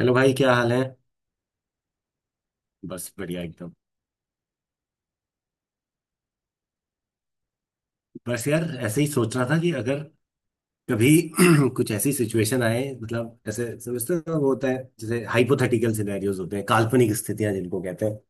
Hello भाई, क्या हाल है। बस बढ़िया एकदम। बस यार ऐसे ही सोच रहा था कि अगर कभी कुछ ऐसी सिचुएशन आए, मतलब ऐसे समझते हो वो होता है जैसे हाइपोथेटिकल सिनेरियोज होते हैं, काल्पनिक स्थितियां जिनको कहते हैं,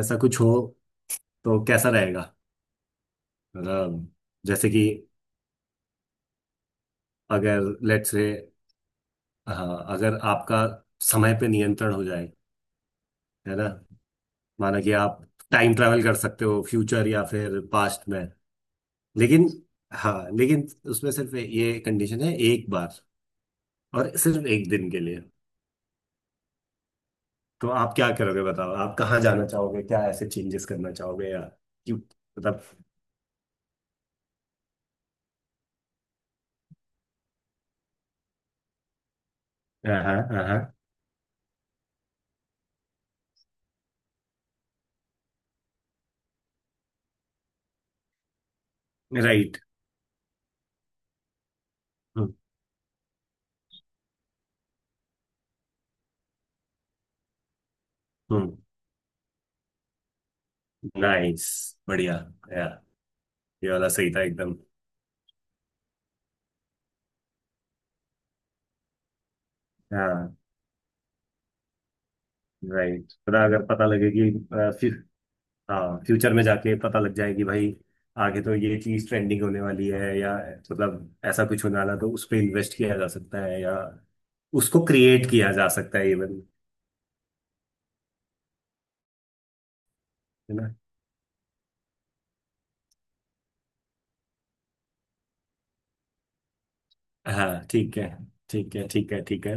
ऐसा कुछ हो तो कैसा रहेगा। मतलब जैसे कि अगर लेट्स से, हाँ अगर आपका समय पे नियंत्रण हो जाए, है ना। माना कि आप टाइम ट्रैवल कर सकते हो फ्यूचर या फिर पास्ट में, लेकिन हाँ लेकिन उसमें सिर्फ ये कंडीशन है, एक बार और सिर्फ एक दिन के लिए। तो आप क्या करोगे, बताओ। आप कहाँ जाना चाहोगे, क्या ऐसे चेंजेस करना चाहोगे, या क्यों, मतलब। हाँ हाँ हाँ। राइट। हम्म। हम्म। नाइस। बढ़िया। या ये वाला सही था एकदम। हाँ। राइट, पता, अगर पता लगेगी हाँ फ्यूचर में जाके पता लग जाएगी भाई। आगे तो ये चीज ट्रेंडिंग होने वाली है, या मतलब ऐसा कुछ होने वाला है, तो उस पर इन्वेस्ट किया जा सकता है, या उसको क्रिएट किया जा सकता है इवन, है ना। हाँ ठीक है ठीक है ठीक है। ठीक है।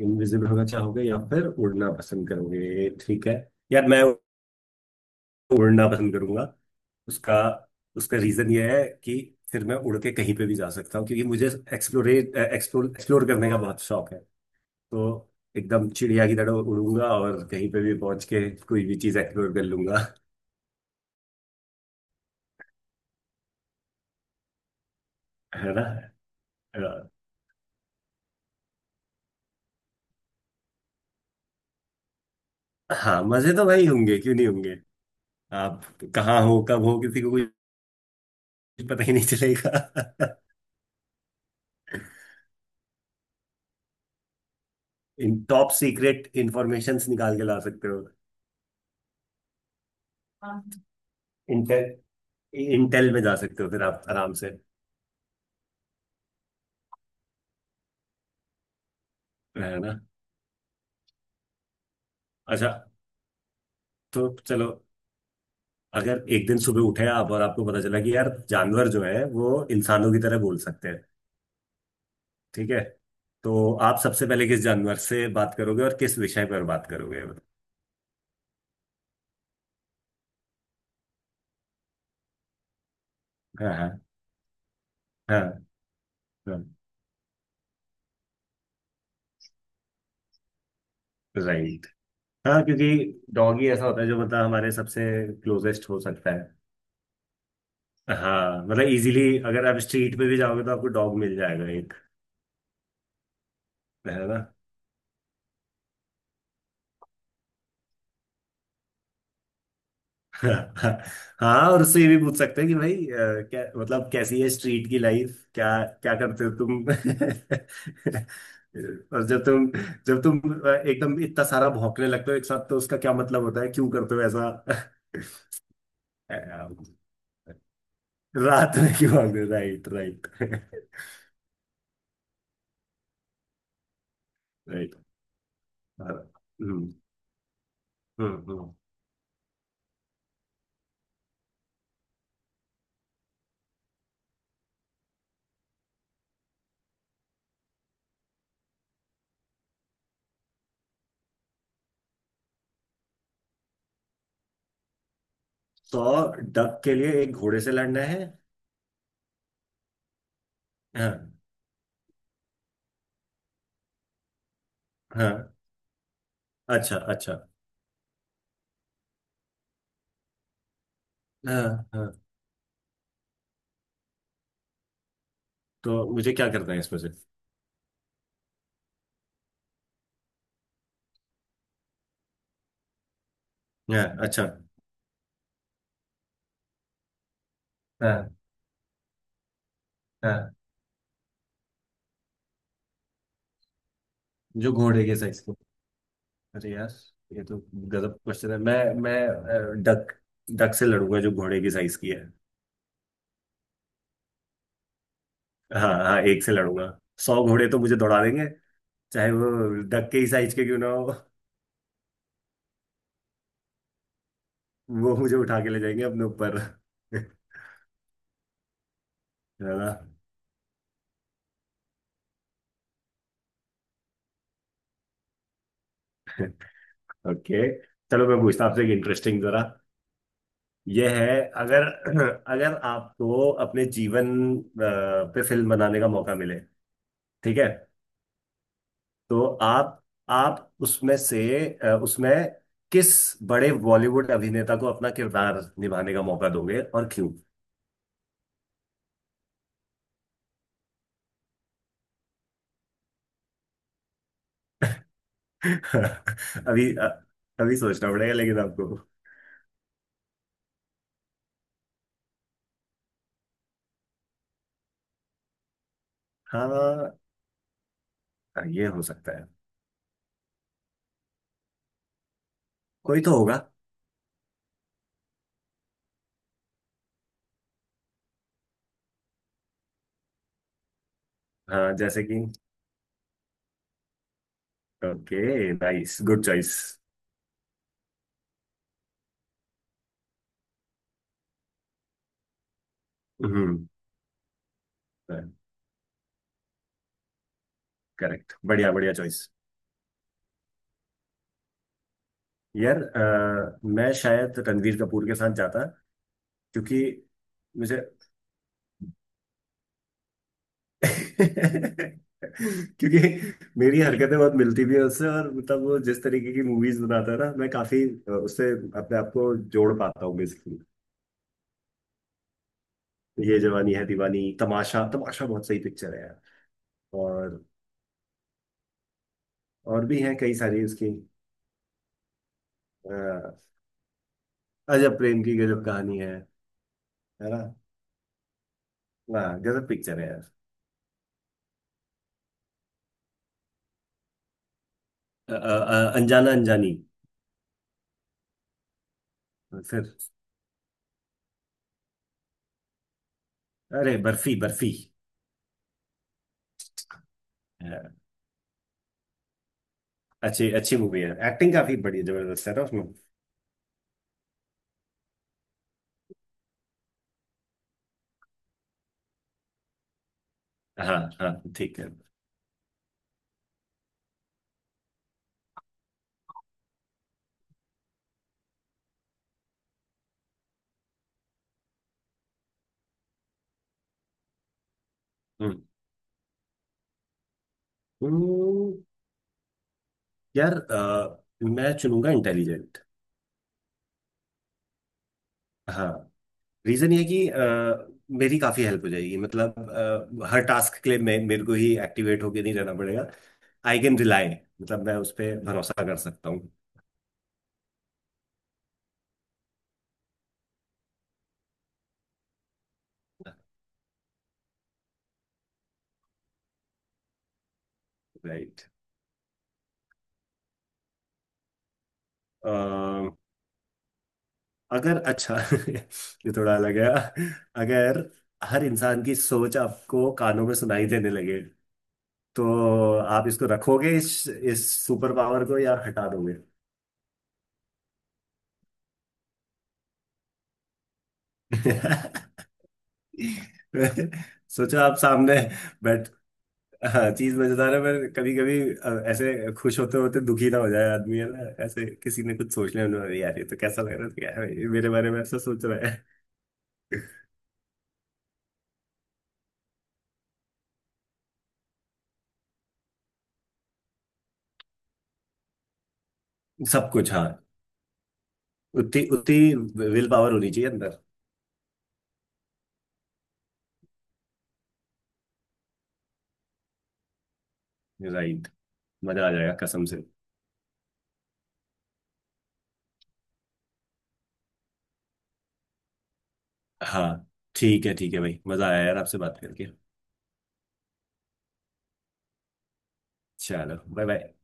इनविजिबल होना चाहोगे या फिर उड़ना पसंद करोगे, ठीक है। यार मैं उड़ना पसंद करूंगा। उसका उसका रीजन ये है कि फिर मैं उड़ के कहीं पे भी जा सकता हूँ, क्योंकि मुझे एक्सप्लोर करने का बहुत शौक है। तो एकदम चिड़िया की तरह उड़ूंगा और कहीं पे भी पहुंच के कोई भी चीज एक्सप्लोर कर लूंगा, है ना। अ, हाँ मजे तो वही होंगे, क्यों नहीं होंगे। आप कहाँ हो, कब हो, किसी को पता ही नहीं चलेगा। इन टॉप सीक्रेट इंफॉर्मेशन निकाल के ला सकते हो। इंटेल, इंटेल में जा सकते हो फिर आप आराम से, है ना। अच्छा, तो चलो, अगर एक दिन सुबह उठे आप और आपको पता चला कि यार जानवर जो है वो इंसानों की तरह बोल सकते हैं, ठीक है। तो आप सबसे पहले किस जानवर से बात करोगे और किस विषय पर बात करोगे। हाँ हाँ हाँ। हाँ राइट। हाँ क्योंकि डॉग ही ऐसा होता है जो मतलब हमारे सबसे क्लोजेस्ट हो सकता है। हाँ मतलब इजीली, अगर आप स्ट्रीट पे भी जाओगे तो आपको डॉग मिल जाएगा एक, है ना। हाँ, और उससे ये भी पूछ सकते हैं कि भाई क्या, मतलब कैसी है स्ट्रीट की लाइफ, क्या क्या करते हो तुम। और जब तुम एकदम इतना सारा भौंकने लगते हो एक साथ, तो उसका क्या मतलब होता है, क्यों करते हो ऐसा। अ, रात में क्यों भागते, right right right. Hmm hmm hmm. तो डक के लिए एक घोड़े से लड़ना है। हाँ। हाँ अच्छा अच्छा। हाँ हाँ। तो मुझे क्या करना है इसमें से। हाँ अच्छा। हाँ हाँ। जो घोड़े के साइज को, अरे यार ये तो गजब क्वेश्चन है। मैं डक, डक से लड़ूंगा जो घोड़े की साइज की है। हाँ हाँ एक से लड़ूंगा। सौ घोड़े तो मुझे दौड़ा देंगे, चाहे वो डक के ही साइज के क्यों ना हो। वो मुझे उठा के ले जाएंगे अपने ऊपर। है ना। ओके, चलो मैं पूछता हूँ आपसे एक इंटरेस्टिंग जरा। यह है, अगर अगर आपको अपने जीवन अ, पे फिल्म बनाने का मौका मिले, ठीक है। तो आप उसमें से उसमें किस बड़े बॉलीवुड अभिनेता को अपना किरदार निभाने का मौका दोगे और क्यों। अभी अ, अभी सोचना पड़ेगा, लेकिन आपको, हाँ ये हो सकता है, कोई तो होगा। हाँ जैसे कि okay, nice, good choice. Hmm. Correct, बढ़िया बढ़िया चॉइस। यार मैं शायद रणवीर कपूर के साथ जाता, क्योंकि मुझे क्योंकि मेरी हरकतें बहुत मिलती भी है उससे, और मतलब वो जिस तरीके की मूवीज बनाता है ना, मैं काफी उससे अपने आप को जोड़ पाता हूँ बेसिकली। ये जवानी है दीवानी, तमाशा। तमाशा बहुत सही पिक्चर है यार। और और भी हैं कई सारी उसकी। अ, अजब प्रेम की गजब कहानी है ना। वाह, गजब पिक्चर है यार। अ, अ, अनजाना अनजानी, फिर, अरे, बर्फी, बर्फी। अच्छी अच्छी मूवी है, एक्टिंग काफी बड़ी जबरदस्त है ना उसमें। हाँ हाँ ठीक है। हम्म। हम्म, यार मैं चुनूंगा इंटेलिजेंट। हाँ, रीजन ये कि मेरी काफी हेल्प हो जाएगी, मतलब हर टास्क के लिए मैं, मेरे को ही एक्टिवेट होके नहीं रहना पड़ेगा। आई कैन रिलाई, मतलब मैं उस पर भरोसा कर सकता हूँ। राइट। अगर, अच्छा। ये थोड़ा अलग है। अगर हर इंसान की सोच आपको कानों में सुनाई देने लगे, तो आप इसको रखोगे इस सुपर पावर को, या हटा दोगे। सोचो आप सामने बैठ, हाँ चीज मजेदार है, पर कभी कभी ऐसे खुश होते होते दुखी ना हो जाए आदमी, है ना। ऐसे किसी ने कुछ सोच लिया उन्होंने, यार ये तो कैसा लग रहा है, क्या है, ये मेरे बारे में ऐसा सोच रहा है। सब कुछ, हाँ। उतनी उतनी विल पावर होनी चाहिए अंदर। राइट। मजा आ जाएगा कसम से। हाँ ठीक है भाई, मजा आया यार आपसे बात करके। चलो, बाय बाय।